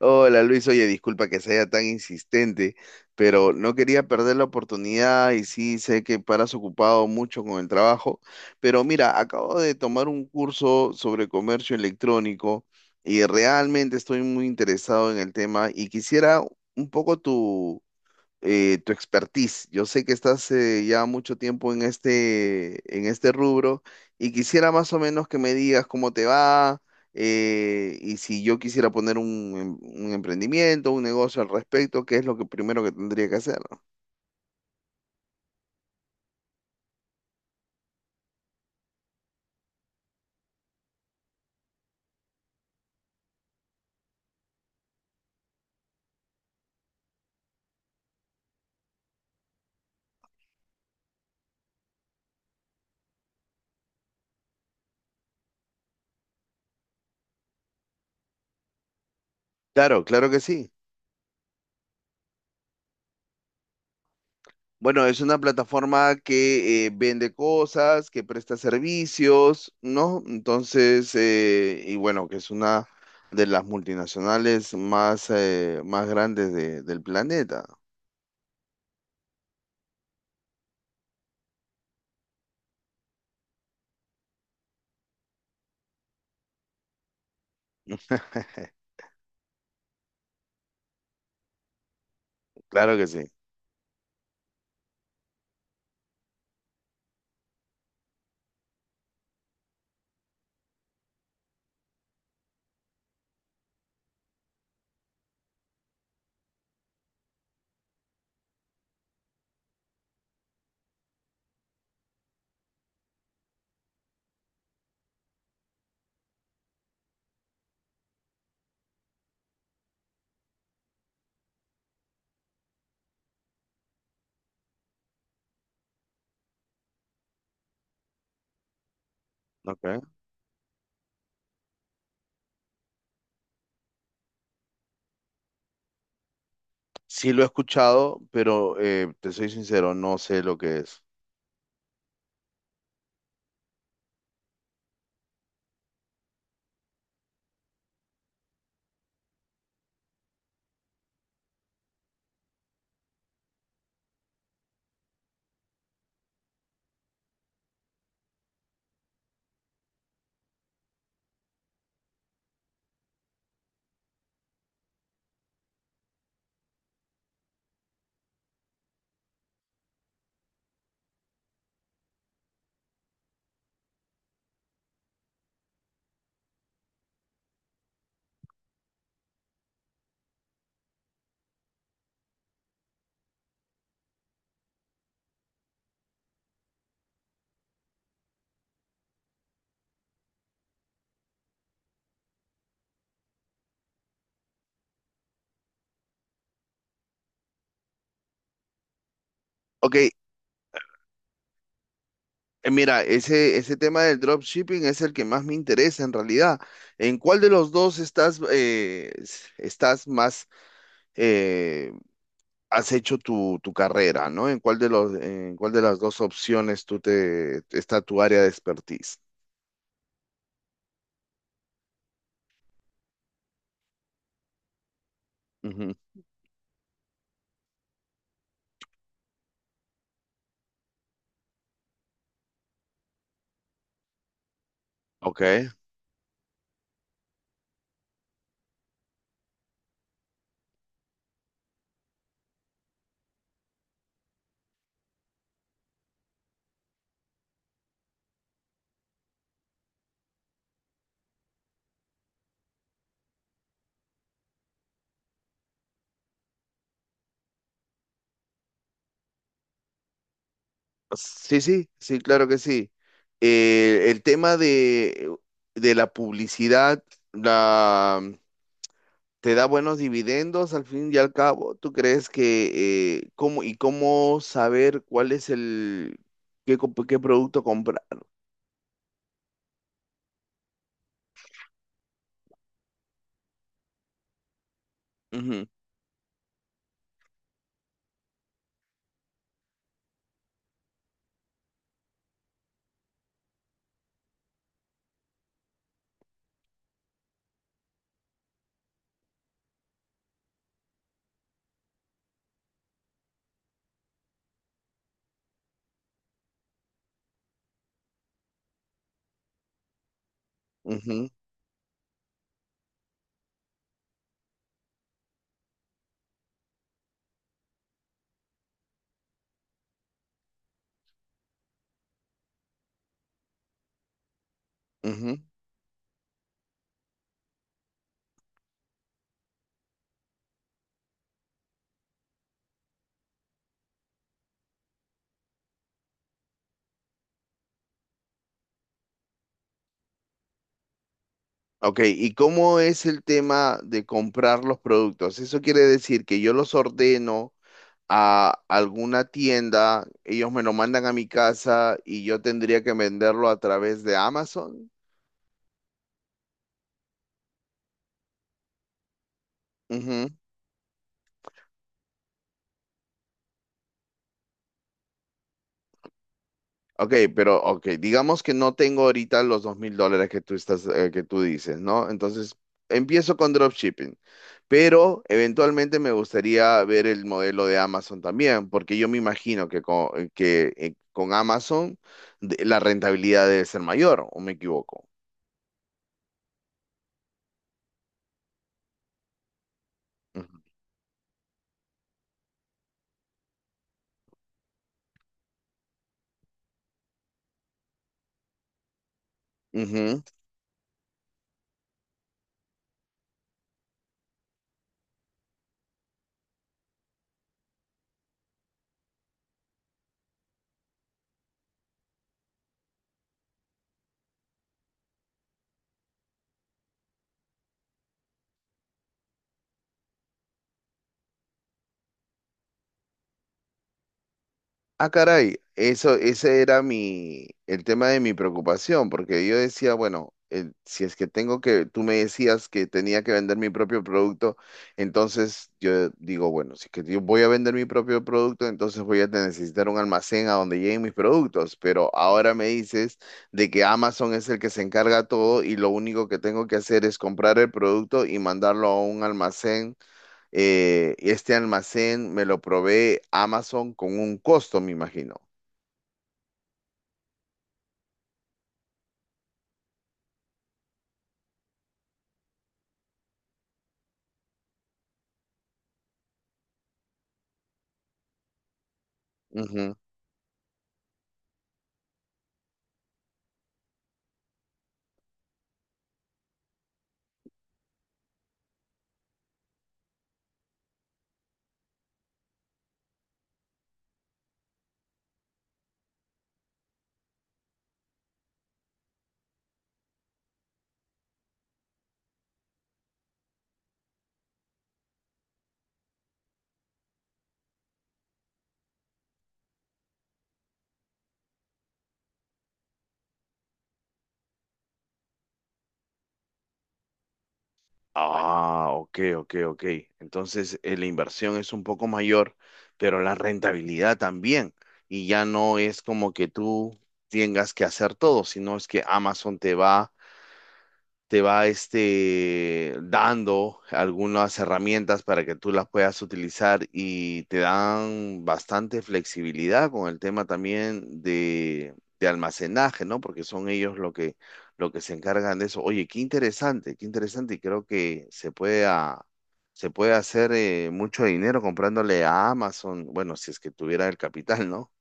Hola Luis, oye, disculpa que sea tan insistente, pero no quería perder la oportunidad y sí sé que paras ocupado mucho con el trabajo, pero mira, acabo de tomar un curso sobre comercio electrónico y realmente estoy muy interesado en el tema y quisiera un poco tu expertise. Yo sé que estás ya mucho tiempo en este rubro y quisiera más o menos que me digas cómo te va y si yo quisiera poner un emprendimiento, un negocio al respecto, ¿qué es lo que primero que tendría que hacer, no? Claro, claro que sí. Bueno, es una plataforma que vende cosas, que presta servicios, ¿no? Entonces, y bueno, que es una de las multinacionales más, más del planeta. Claro que sí. Ok. Sí lo he escuchado, pero te soy sincero, no sé lo que es. Ok, mira, ese tema del dropshipping es el que más me interesa en realidad. ¿En cuál de los dos estás, estás más, eh, has hecho tu carrera, ¿no? ¿En cuál de las dos opciones tú te, está tu área de expertise? Ujú. Ok. Sí, sí, sí, claro que sí. El tema de la publicidad la, te da buenos dividendos al fin y al cabo. ¿Tú crees que cómo y cómo saber cuál es qué producto comprar? Ujú, ujú, ujú. Ok, ¿y cómo es el tema de comprar los productos? Eso quiere decir que yo los ordeno a alguna tienda, ellos me lo mandan a mi casa y yo tendría que venderlo a través de Amazon. Ujú. Ok, pero ok, digamos que no tengo ahorita los $2000 que tú estás, que tú dices, ¿no? Entonces empiezo con dropshipping, pero eventualmente me gustaría ver el modelo de Amazon también, porque yo me imagino que con Amazon la rentabilidad debe ser mayor, ¿o me equivoco? Ujú. Ujú. Ah, caray, eso, ese era mi, el tema de mi preocupación, porque yo decía, bueno, si es que tengo que, tú me decías que tenía que vender mi propio producto, entonces yo digo, bueno, si es que yo voy a vender mi propio producto, entonces necesitar un almacén a donde lleguen mis productos, pero ahora me dices de que Amazon es el que se encarga todo y lo único que tengo que hacer es comprar el producto y mandarlo a un almacén este almacén me lo provee Amazon con un costo, me imagino. Ujú. Ah, ok, ok, ok. Entonces, la inversión es un poco mayor, pero la rentabilidad también. Y ya no es como que tú tengas que hacer todo, sino es que Amazon te va este, dando algunas herramientas para que tú las puedas utilizar y te dan bastante flexibilidad con el tema también de almacenaje, ¿no? Porque son ellos lo que se encargan de eso. Oye, qué interesante y creo que se puede, ah, se puede hacer mucho dinero comprándole a Amazon, bueno, si es que tuviera el capital, ¿no?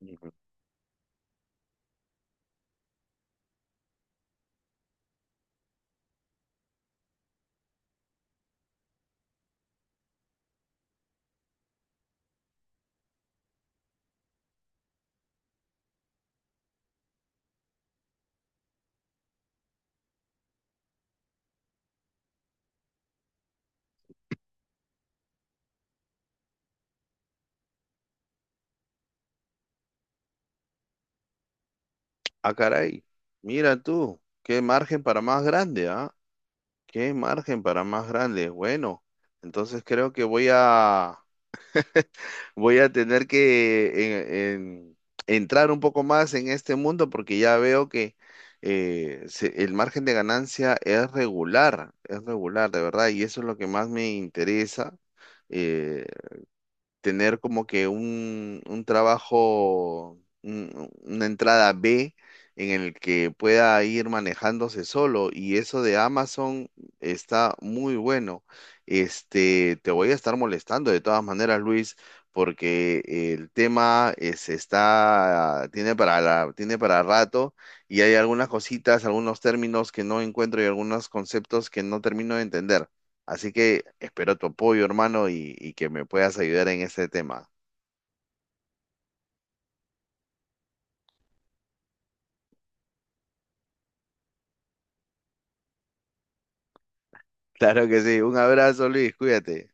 Ujú. Ah, caray, mira tú, ¿qué margen para más grande, ah? ¿Qué margen para más grandes? Bueno, entonces creo que voy a tener que entrar un poco más en este mundo porque ya veo que el margen de ganancia es regular, de verdad, y eso es lo que más me interesa. Eh, tener como que un trabajo, una entrada B en el que pueda ir manejándose solo. Y eso de Amazon está muy bueno. Este, te voy a estar molestando de todas maneras, Luis, porque el tema tiene tiene para rato y hay algunas cositas, algunos términos que no encuentro y algunos conceptos que no termino de entender. Así que espero tu apoyo, hermano, y que me puedas ayudar en este tema. Claro que sí. Un abrazo, Luis. Cuídate.